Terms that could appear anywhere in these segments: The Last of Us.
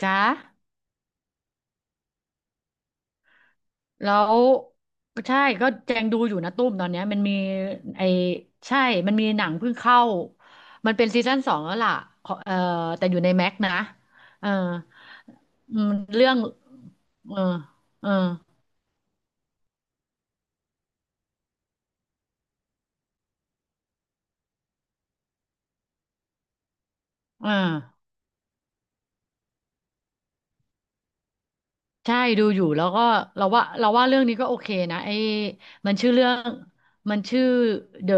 จ้าแล้วใช่ก็แจงดูอยู่นะตุ้มตอนเนี้ยมันมีไอใช่ มันมีหนังเพิ่งเข้า มันเป็นซีซั่นสองแล้วล่ะขอแต่อยู่ในแม็กนะเอออืมเรื่องเออเอออ่าใช่ดูอยู่แล้วก็เราว่าเรื่องนี้ก็โอเคนะไอมันชื่อเรื่องมันชื่อ The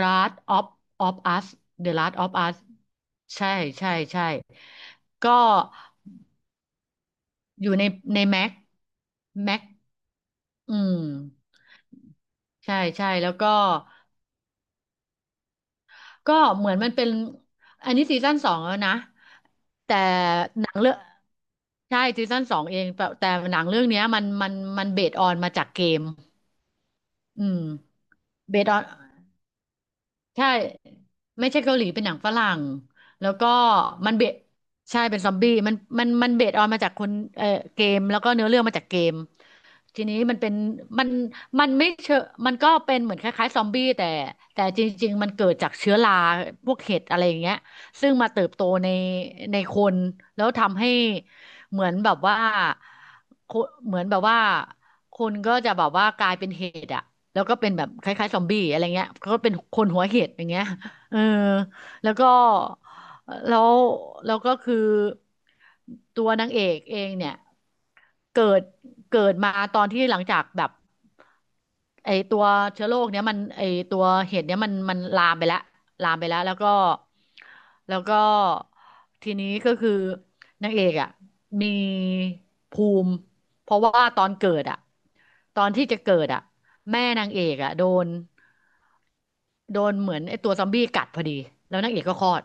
Last of Us The Last of Us ใช่ใช่ใช่ก็ อยู่ในในแม็กอืมใช่แล้วก็ก็เหมือนมันเป็นอันนี้ซีซั่นสองแล้วนะแต่หนังเรื่องใช่ซีซั่นสองเองแต่หนังเรื่องเนี้ยมันเบสออนมาจากเกมอืมเบสออนใช่ไม่ใช่เกาหลีเป็นหนังฝรั่งแล้วก็มันเบสใช่เป็นซอมบี้มันเบสออนมาจากคนเอ่อเกมแล้วก็เนื้อเรื่องมาจากเกม ทีนี้มันเป็นมันมันไม่เชอมันก็เป็นเหมือนคล้ายๆซอมบี้แต่จริงๆมันเกิดจากเชื้อราพวกเห็ดอะไรอย่างเงี้ยซึ่งมาเติบโตในในคนแล้วทำให้เหมือนแบบว่าคนเหมือนแบบว่าคนก็จะแบบว่ากลายเป็นเห็ดอะแล้วก็เป็นแบบคล้ายๆซอมบี้อะไรเงี้ยก็เป็นคนหัวเห็ดอย่างเงี้ยเออแล้วก็แล้วแล้วก็คือตัวนางเอกเองเนี่ย เกิดเกิดมาตอนที่หลังจากแบบไอตัวเชื้อโรคเนี้ยมันไอตัวเห็ดเนี้ยมันลามไปแล้วลามไปแล้วแล้วก็แล้วก็ทีนี้ก็คือนางเอกอ่ะมีภูมิเพราะว่าตอนเกิดอ่ะตอนที่จะเกิดอ่ะแม่นางเอกอ่ะโดนเหมือนไอตัวซอมบี้กัดพอดีแล้วนางเอกก็คลอด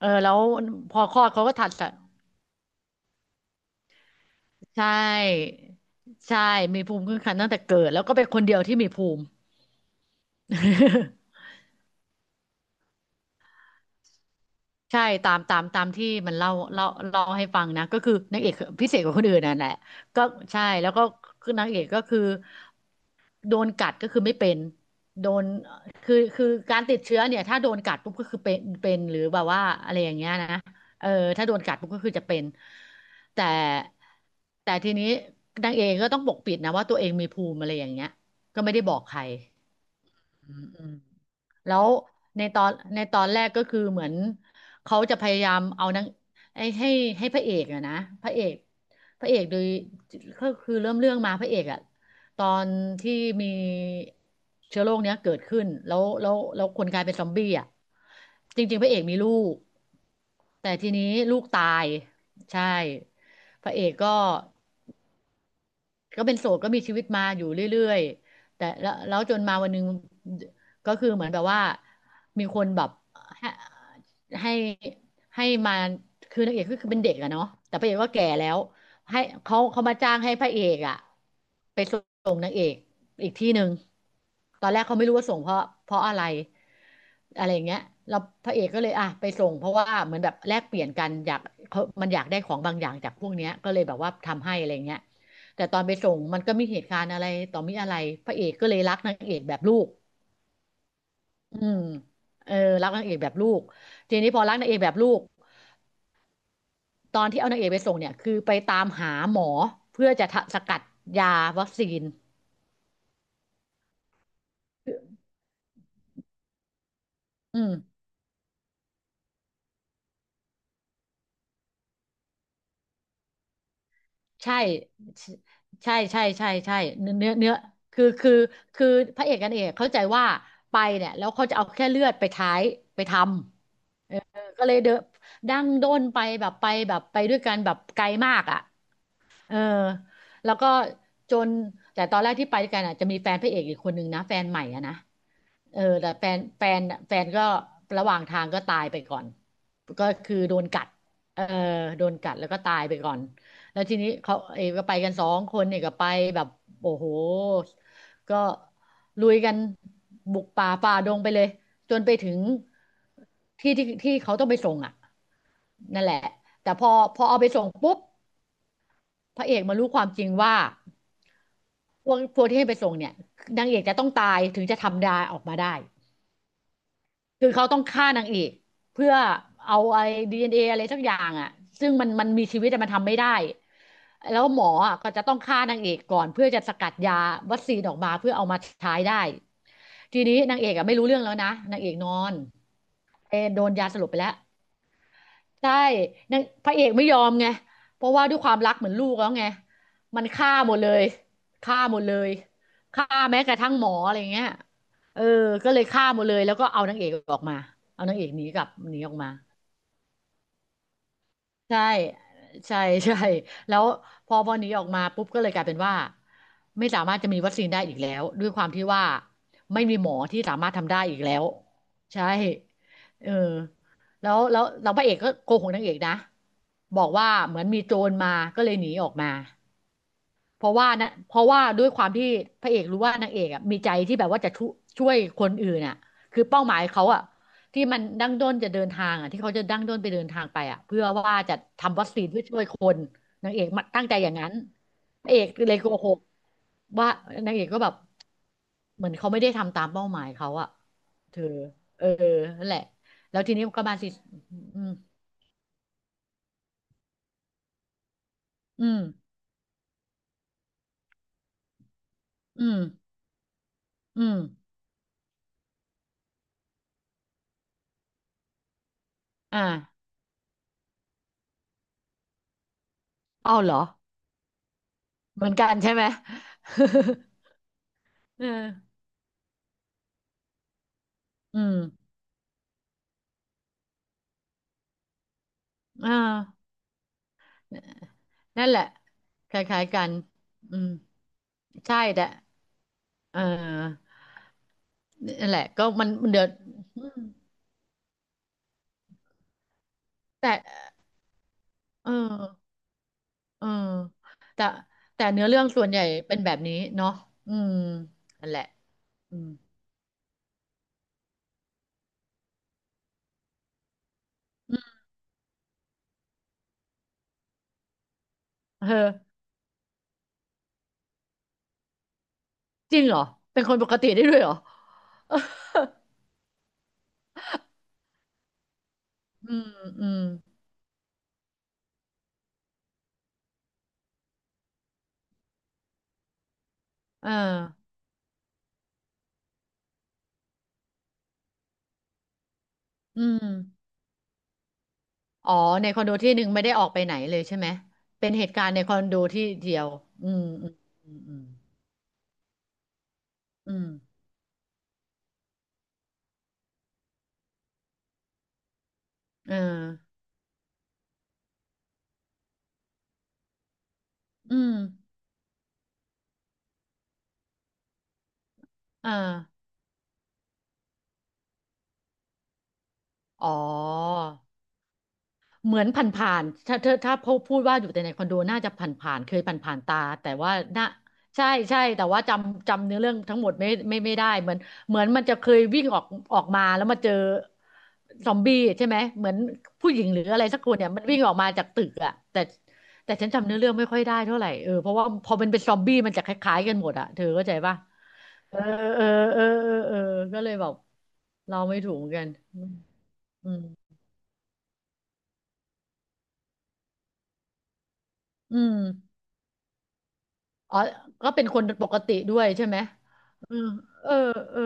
เออแล้วพอคลอดเขาก็ถัด ใช่ ใช่ มีภูมิคุ้มกันตั้งแต่เกิด แล้วก็เป็นคนเดียวที่มีภูมิ ใช่ตามที่มันเล่าให้ฟังนะก็คือนางเอกพิเศษกว่าคนอื่นน่ะแหละก็ใช่แล้วก็คือนางเอกก็คือโดนกัดก็คือไม่เป็นโดนคือการติดเชื้อเนี่ยถ้าโดนกัดปุ๊บก็คือเป็นหรือแบบว่าอะไรอย่างเงี้ยนะเออถ้าโดนกัดปุ๊บก็คือจะเป็นแต่แต่ทีนี้นางเอกก็ต้องปกปิดนะว่าตัวเองมีภูมิอะไรอย่างเงี้ยก็ไม่ได้บอกใครอืม แล้วในตอนแรกก็คือเหมือนเขาจะพยายามเอานังไอ้ให้พระเอกอะนะพระเอกพระเอกโดยก็คือเริ่มเรื่องมาพระเอกอะตอนที่มีเชื้อโรคเนี้ยเกิดขึ้นแล้วคนกลายเป็นซอมบี้อะจริงๆพระเอกมีลูกแต่ทีนี้ลูกตายใช่พระเอกก็ ก็เป็นโสดก็มีชีวิตมาอยู่เรื่อยๆแต่แล้วแล้วจนมาวันหนึงก็คือเหมือนแบบว่า มีคนแบบให้ให้ให้มาคือนางเอกก็คือเป็นเด็กอะเนาะแต่พระเอกก็แก่แล้วให้เขามาจ้างให้พระเอกอะไปส่งนางเอกอีกที่หนึ่งตอนแรกเขาไม่รู้ว่าส่งเพราะอะไรอะไรอย่างเงี้ยเราพระเอกก็เลยอ่ะไปส่งเพราะว่าเหมือนแบบแลกเปลี่ยนกันอยากเขามันอยากได้ของบางอย่างจากพวกเนี้ยก็เลยแบบว่าทำให้อะไรอย่างเงี้ย แต่ตอนไปส่งมันก็มีเหตุการณ์อะไรต่อมีอะไรพระเอกก็เลยรักนางเอกแบบลูกอืมเออรักนางเอกแบบลูกทีนี้พอรักนางเอกแบบลูกตอนที่เอานางเอกไปส่งเนี่ยคือไปตามหาหมอเพื่อจะทะสกัดยาวัคซีนอืมใช่ใช่ใช่ใช่ใช่เนื้อคือคือคือพระเอกกันางเอกเข้าใจว่าไปเนี่ยแล้วเขาจะเอาแค่เลือดไปท้ายไปทำเออก็เลยเดนดั้งด้นไปแบบไปแบบไปด้วยกันแบบไกลมากอ่ะ เออแล้วก็จนแต่ตอนแรกที่ไปด้วยกันอ่ะจะมีแฟนพระเอกอีกคนนึงนะแฟนใหม่อ่ะนะเออแต่แฟนแฟนแฟนก็ระหว่างทางก็ตายไปก่อนก็คือโดนกัดเออโดนกัดแล้วก็ตายไปก่อนแล้วทีนี้เขาเออก็ไปกันสองคนเนี่ยก็ไปแบบโอ้โหก็ลุยกันบุกป่าฝ่าดงไปเลยจนไปถึงที่เขาต้องไปส่งอ่ะนั่นแหละแต่พอเอาไปส่งปุ๊บ พระเอกมารู้ความจริงว่าพวกที่ให้ไปส่งเนี่ยนางเอกจะต้องตายถึงจะทำดาออกมาได้คือเขาต้องฆ่านางเอกเพื่อเอาไอ้ดีเอ็นเออะไรสักอย่างอ่ะซึ่งมันมีชีวิตแต่มันทำไม่ได้แล้วหมออ่ะก็จะต้องฆ่านางเอกก่อนเพื่อจะสกัดยาวัคซีนออกมาเพื่อเอามาใช้ได้ทีนี้นางเอกอ่ะไม่รู้เรื่องแล้วนะนางเอกนอนโดนยาสลบไปแล้ว ใช่นางพระเอกไม่ยอมไงเพราะว่าด้วยความรักเหมือนลูกแล้วไงมันฆ่าหมดเลยฆ่าหมดเลยฆ่าแม้กระทั่งหมออะไรเงี้ยเออก็เลยฆ่าหมดเลยแล้วก็เอานางเอกออกมา เอานางเอกหนีกลับหนีออกมา ใช่ใช่ใช่แล้วพอหนีออกมาปุ๊บก็เลยกลายเป็นว่าไม่สามารถจะมีวัคซีนได้อีกแล้วด้วยความที่ว่าไม่มีหมอที่สามารถทำได้อีกแล้วใช่เออแล้วเราพระเอกก็โกหกนางเอกนะบอกว่าเหมือนมีโจรมาก็เลยหนีออกมา เพราะว่านะเพราะว่าด้วยความที่พระเอกรู้ว่านางเอกอ่ะมีใจที่แบบว่าจะช่วยคนอื่นอ่ะคือเป้าหมายเขาอ่ะที่มันดั้งด้นจะเดินทางอ่ะที่เขาจะดั้งด้นไปเดินทางไปอ่ะเพื่อว่าจะทำวัคซีนเพื่อช่วยคนนางเอกมันตั้งใจอย่างนั้นพระเอกเลยโกหกว่านางเอกก็แบบเหมือนเขาไม่ได้ทำตามเป้าหมายเขาอ่ะเธอเออนั่นแหละแล้วทีนี้มันก็มาสิอืมอืมอืมอืมอ่าเอาเหรอเหมือนกันใช่ไหม เออ อืมอ่านั่นแหละคล้ายๆกันอืมใช่แต่เออนั่นแหละก็มันเดือดอืมแต่เออเออแต่แต่เนื้อเรื่องส่วนใหญ่เป็นแบบนี้เนาะอืมนั่นแหละอืมอืมเออจริงเหรอเป็นคนปกติได้ด้วยเหรอ อืมอืมเอออืมอ๋อในคอนโดที่หนึ่งไม่ได้ออกไปไหนเลยใช่ไหมเป็นเหตุการณ์ในคอนโดที่เดียวอืมอืมอืมอืม เอออืมเอออ๋อ เหมือนผ่านๆถ้าเธอถ้าพูดว่าอยู่แต่ในคอนโดน่าจะผ่านๆเคยผ่านๆตาแต่ว่าน่าใช่ใช่แต่ว่าจำเนื้อเรื่องทั้งหมดไม่ไม่ไม่ได้เหมือนเหมือนมันจะเคยวิ่งออกมาแล้วมาเจอซอมบี้ใช่ไหมเหมือนผู้หญิงหรืออะไรสักคนเนี่ยมันวิ่งออกมาจากตึกอะแต่แต่ฉันจำเนื้อเรื่องไม่ค่อยได้เท่าไหร่เออเพราะว่าพอมันเป็นซอมบี้มันจะคล้ายๆกันหมดอะเธอเข้าใจปะเออเออเออเออเออก็เลยแบบเราไม่ถูกเหมือนกันอืมอืม อ๋อก็เป็นคนปกติด้วยใช่ไหมเออเออเออ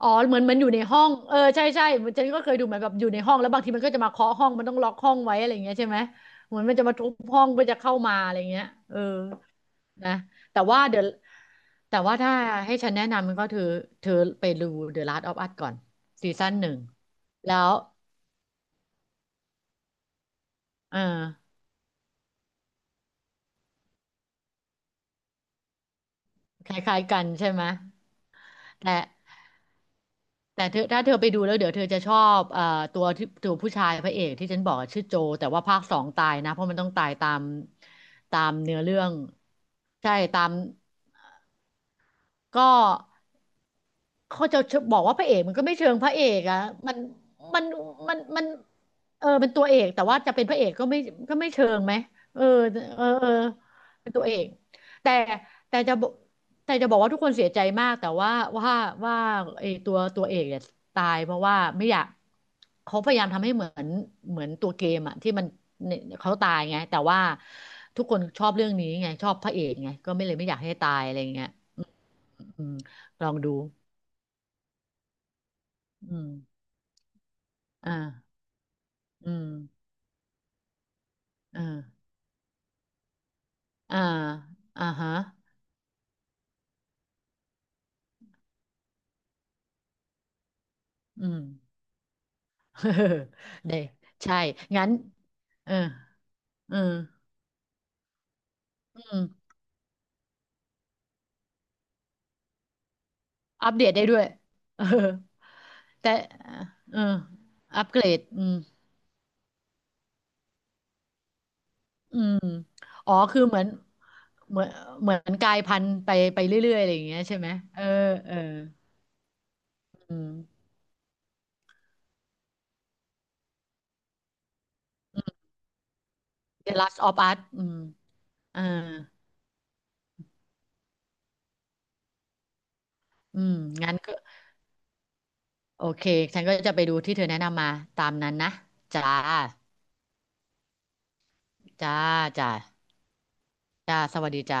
อ๋อเหมือนมันอยู่ในห้องเออใช่ใช่มันฉันก็เคยดูเหมือนแบบอยู่ในห้องแล้วบางทีมันก็จะมาเคาะห้องมันต้องล็อกห้องไว้อะไรอย่างเงี้ยใช่ไหมเหมือนมันจะมาทุบห้องเพื่อจะเข้ามาอะไรอย่างเงี้ยเออนะแต่ว่าเดี๋ยวแต่ว่าถ้าให้ฉันแนะนำมันก็เธอเธอไปดู The Last of Us ก่อนซีซั่นหนึ่งแล้วเออคล้ายๆกันใช่ไหมแต่ แต่เธอถ้าเธอไปดูแล้วเดี๋ยวเธอจะชอบตัวที่ตัวผู้ชายพระเอกที่ฉันบอกอะชื่อโจแต่ว่าภาคสองตายนะเพราะมันต้องตายตามเนื้อเรื่องใช่ตามก็ เขาจะบอกว่าพระเอกมันก็ไม่เชิงพระเอกอะมันมันมันเออเป็นตัวเอกแต่ว่าจะเป็นพระเอกก็ไม่เชิงไหมเออเออเออเป็นตัวเอกแต่แต่จะบอกแต่จะบอกว่าทุกคนเสียใจมากแต่ว่าว่าว่าไอ้ตัวเอกเนี่ยตายเพราะว่าไม่อยากเขาพยายามทำให้เหมือนตัวเกมอะที่มันเนี่ยเขาตายไงแต่ว่าทุกคนชอบเรื่องนี้ไงชอบพระเอกไงก็ไม่เลยไม่อยากให้ตายอะไรเงี้ยอืมลองดูอืม อ่าอืมอ่าอ่าอ่าฮะอืม เด้ใช่งั้นเออเอออืมอัปเดตได้ด้วย เออแต่เอออัปเกรดอืมอืมอ๋อคือเหมือนเหมือนเหมือนกลายพันธุ์ไปเรื่อยๆอะไรอย่างเงี้ยใช่ไหมเออเอออืม The Last of Us อืมอ่าอืมงั้นก็โอเคฉันก็จะไปดูที่เธอแนะนำมาตามนั้นนะจ้าจ้าจ้า จ้าสวัสดีจ้า